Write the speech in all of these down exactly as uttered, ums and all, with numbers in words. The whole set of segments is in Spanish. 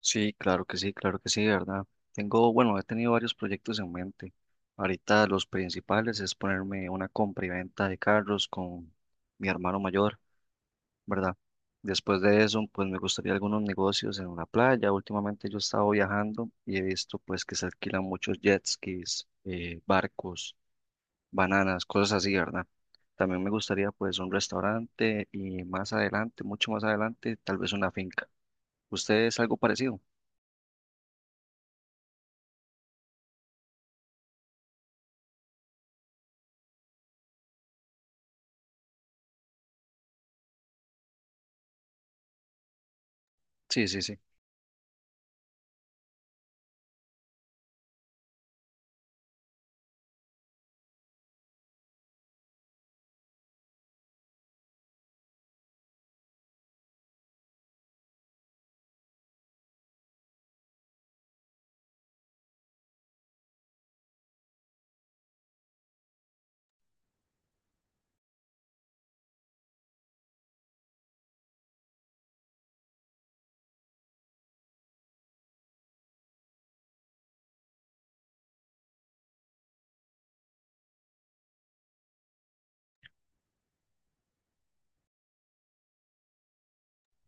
Sí, claro que sí, claro que sí, de ¿verdad? Tengo, bueno, he tenido varios proyectos en mente. Ahorita los principales es ponerme una compra y venta de carros con mi hermano mayor, ¿verdad? Después de eso, pues me gustaría algunos negocios en una playa. Últimamente yo he estado viajando y he visto pues que se alquilan muchos jet skis, eh, barcos, bananas, cosas así, ¿verdad? También me gustaría pues un restaurante y más adelante, mucho más adelante, tal vez una finca. ¿Usted es algo parecido? Sí, sí, sí.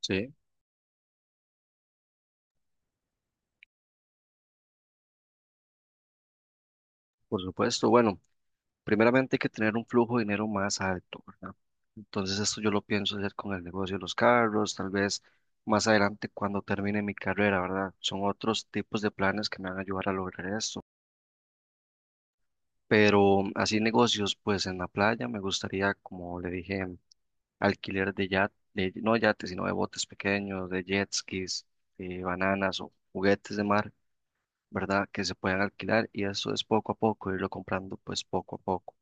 Sí. Por supuesto, bueno, primeramente hay que tener un flujo de dinero más alto, ¿verdad? Entonces esto yo lo pienso hacer con el negocio de los carros, tal vez más adelante cuando termine mi carrera, ¿verdad? Son otros tipos de planes que me van a ayudar a lograr esto. Pero así negocios, pues en la playa me gustaría, como le dije, alquiler de yat, de, no yates, sino de botes pequeños, de jet skis, de bananas o juguetes de mar, ¿verdad? Que se puedan alquilar y eso es poco a poco, irlo comprando pues poco a poco.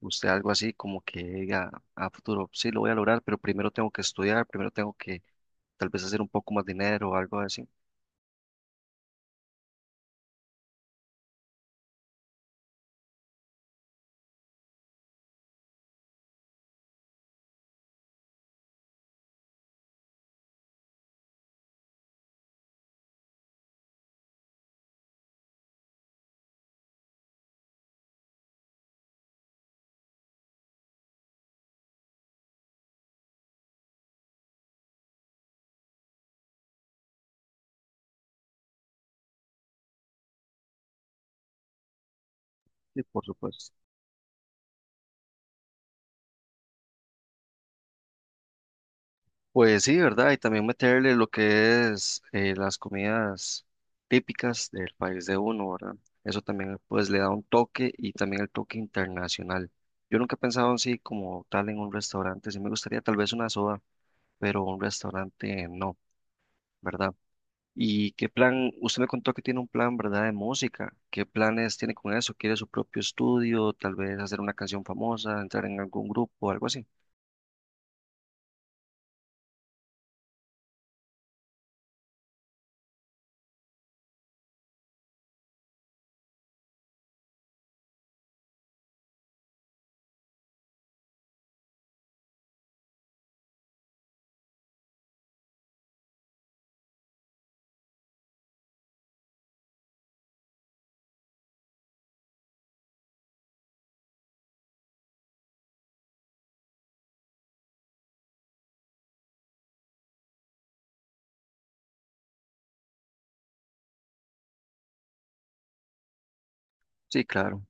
Usted algo así como que diga a futuro, sí, lo voy a lograr, pero primero tengo que estudiar, primero tengo que tal vez hacer un poco más dinero o algo así. Sí, por supuesto. Pues sí, ¿verdad? Y también meterle lo que es eh, las comidas típicas del país de uno, ¿verdad? Eso también pues le da un toque y también el toque internacional. Yo nunca he pensado así como tal en un restaurante, sí me gustaría tal vez una soda, pero un restaurante no, ¿verdad? ¿Y qué plan? Usted me contó que tiene un plan, ¿verdad? De música. ¿Qué planes tiene con eso? ¿Quiere su propio estudio? Tal vez hacer una canción famosa, entrar en algún grupo, algo así. Sí, claro.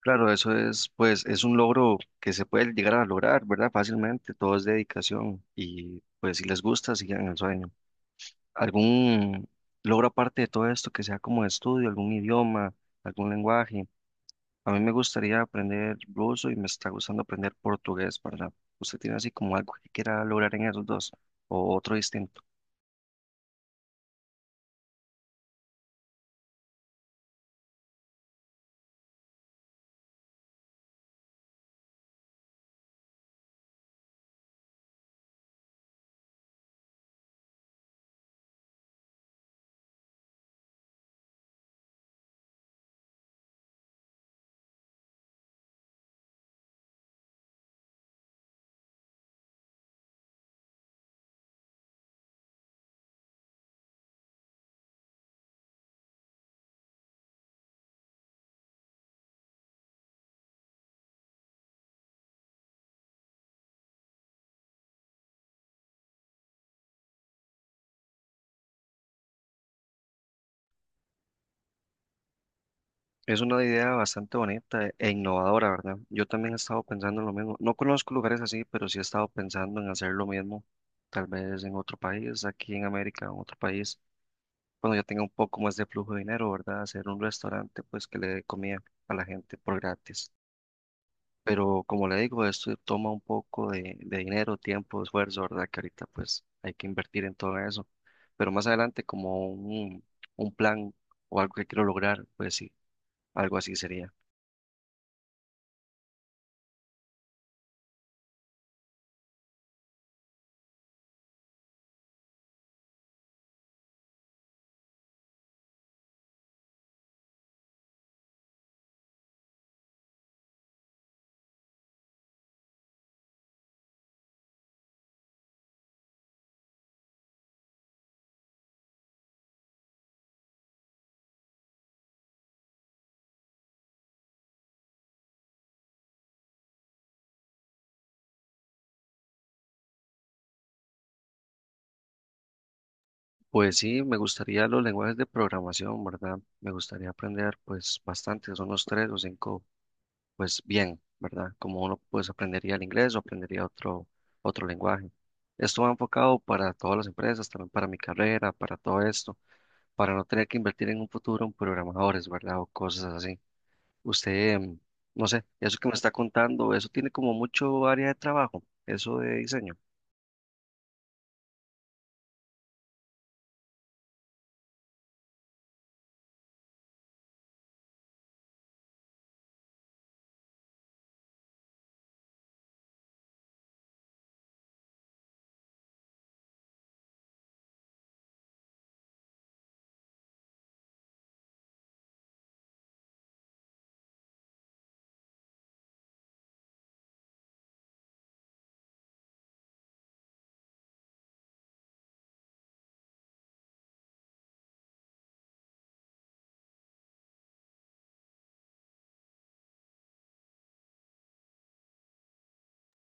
Claro, eso es, pues, es un logro que se puede llegar a lograr, ¿verdad? Fácilmente. Todo es dedicación. Y pues si les gusta, sigan el sueño. ¿Algún logro aparte de todo esto que sea como de estudio, algún idioma, algún lenguaje? A mí me gustaría aprender ruso y me está gustando aprender portugués, ¿verdad? ¿Usted tiene así como algo que quiera lograr en esos dos o otro distinto? Es una idea bastante bonita e innovadora, ¿verdad? Yo también he estado pensando en lo mismo. No conozco lugares así, pero sí he estado pensando en hacer lo mismo, tal vez en otro país, aquí en América, en otro país, cuando ya tenga un poco más de flujo de dinero, ¿verdad? Hacer un restaurante, pues que le dé comida a la gente por gratis. Pero como le digo, esto toma un poco de, de dinero, tiempo, esfuerzo, ¿verdad? Que ahorita pues hay que invertir en todo eso. Pero más adelante como un, un plan o algo que quiero lograr, pues sí, algo así sería. Pues sí, me gustaría los lenguajes de programación, ¿verdad? Me gustaría aprender pues bastante, son unos tres o cinco, pues bien, ¿verdad? Como uno pues aprendería el inglés o aprendería otro, otro lenguaje. Esto va enfocado para todas las empresas, también para mi carrera, para todo esto. Para no tener que invertir en un futuro en programadores, ¿verdad? O cosas así. Usted, em, no sé, eso que me está contando, eso tiene como mucho área de trabajo, eso de diseño.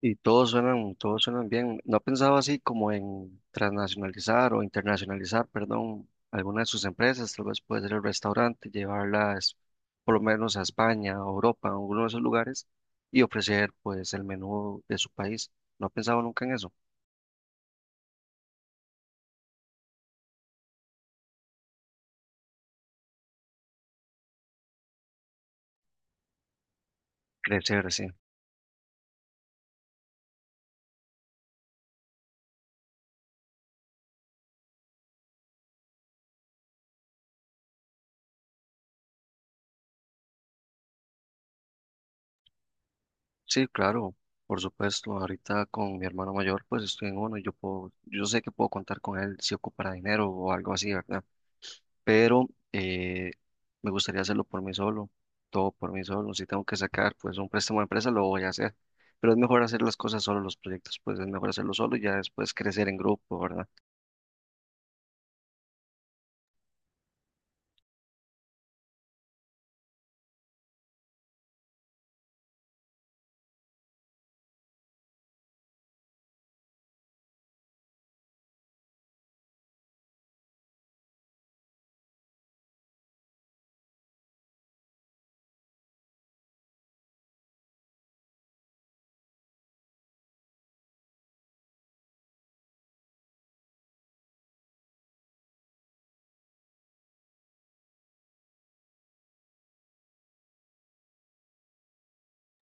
Y todos suenan, todos suenan bien. ¿No ha pensado así como en transnacionalizar o internacionalizar, perdón, alguna de sus empresas? Tal vez puede ser el restaurante, llevarlas por lo menos a España, a Europa, a alguno de esos lugares y ofrecer pues el menú de su país. ¿No ha pensado nunca en eso? Crecer, sí. Sí, claro, por supuesto. Ahorita con mi hermano mayor, pues estoy en uno y yo puedo, yo sé que puedo contar con él si ocupará dinero o algo así, ¿verdad? Pero eh, me gustaría hacerlo por mí solo, todo por mí solo. Si tengo que sacar, pues un préstamo de empresa, lo voy a hacer. Pero es mejor hacer las cosas solo, los proyectos, pues es mejor hacerlo solo y ya después crecer en grupo, ¿verdad?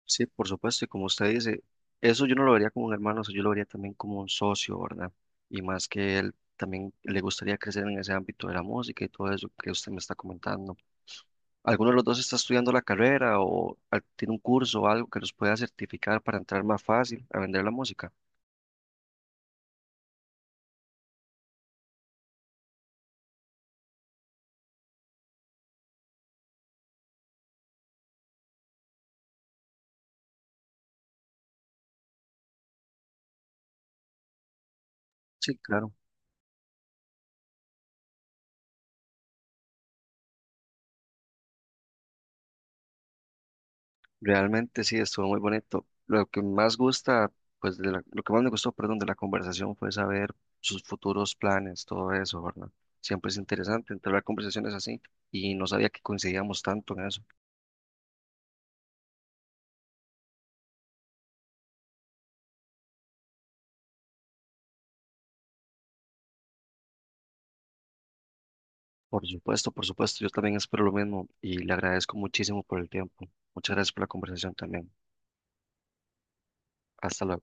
Sí, por supuesto, y como usted dice, eso yo no lo vería como un hermano, eso yo lo vería también como un socio, ¿verdad? Y más que él también le gustaría crecer en ese ámbito de la música y todo eso que usted me está comentando. ¿Alguno de los dos está estudiando la carrera o al- tiene un curso o algo que los pueda certificar para entrar más fácil a vender la música? Sí, claro. Realmente sí, estuvo muy bonito. Lo que más gusta, pues de la- lo que más me gustó, perdón, de la conversación fue saber sus futuros planes, todo eso, ¿verdad? Siempre es interesante entablar conversaciones así y no sabía que coincidíamos tanto en eso. Por supuesto, por supuesto, yo también espero lo mismo y le agradezco muchísimo por el tiempo. Muchas gracias por la conversación también. Hasta luego.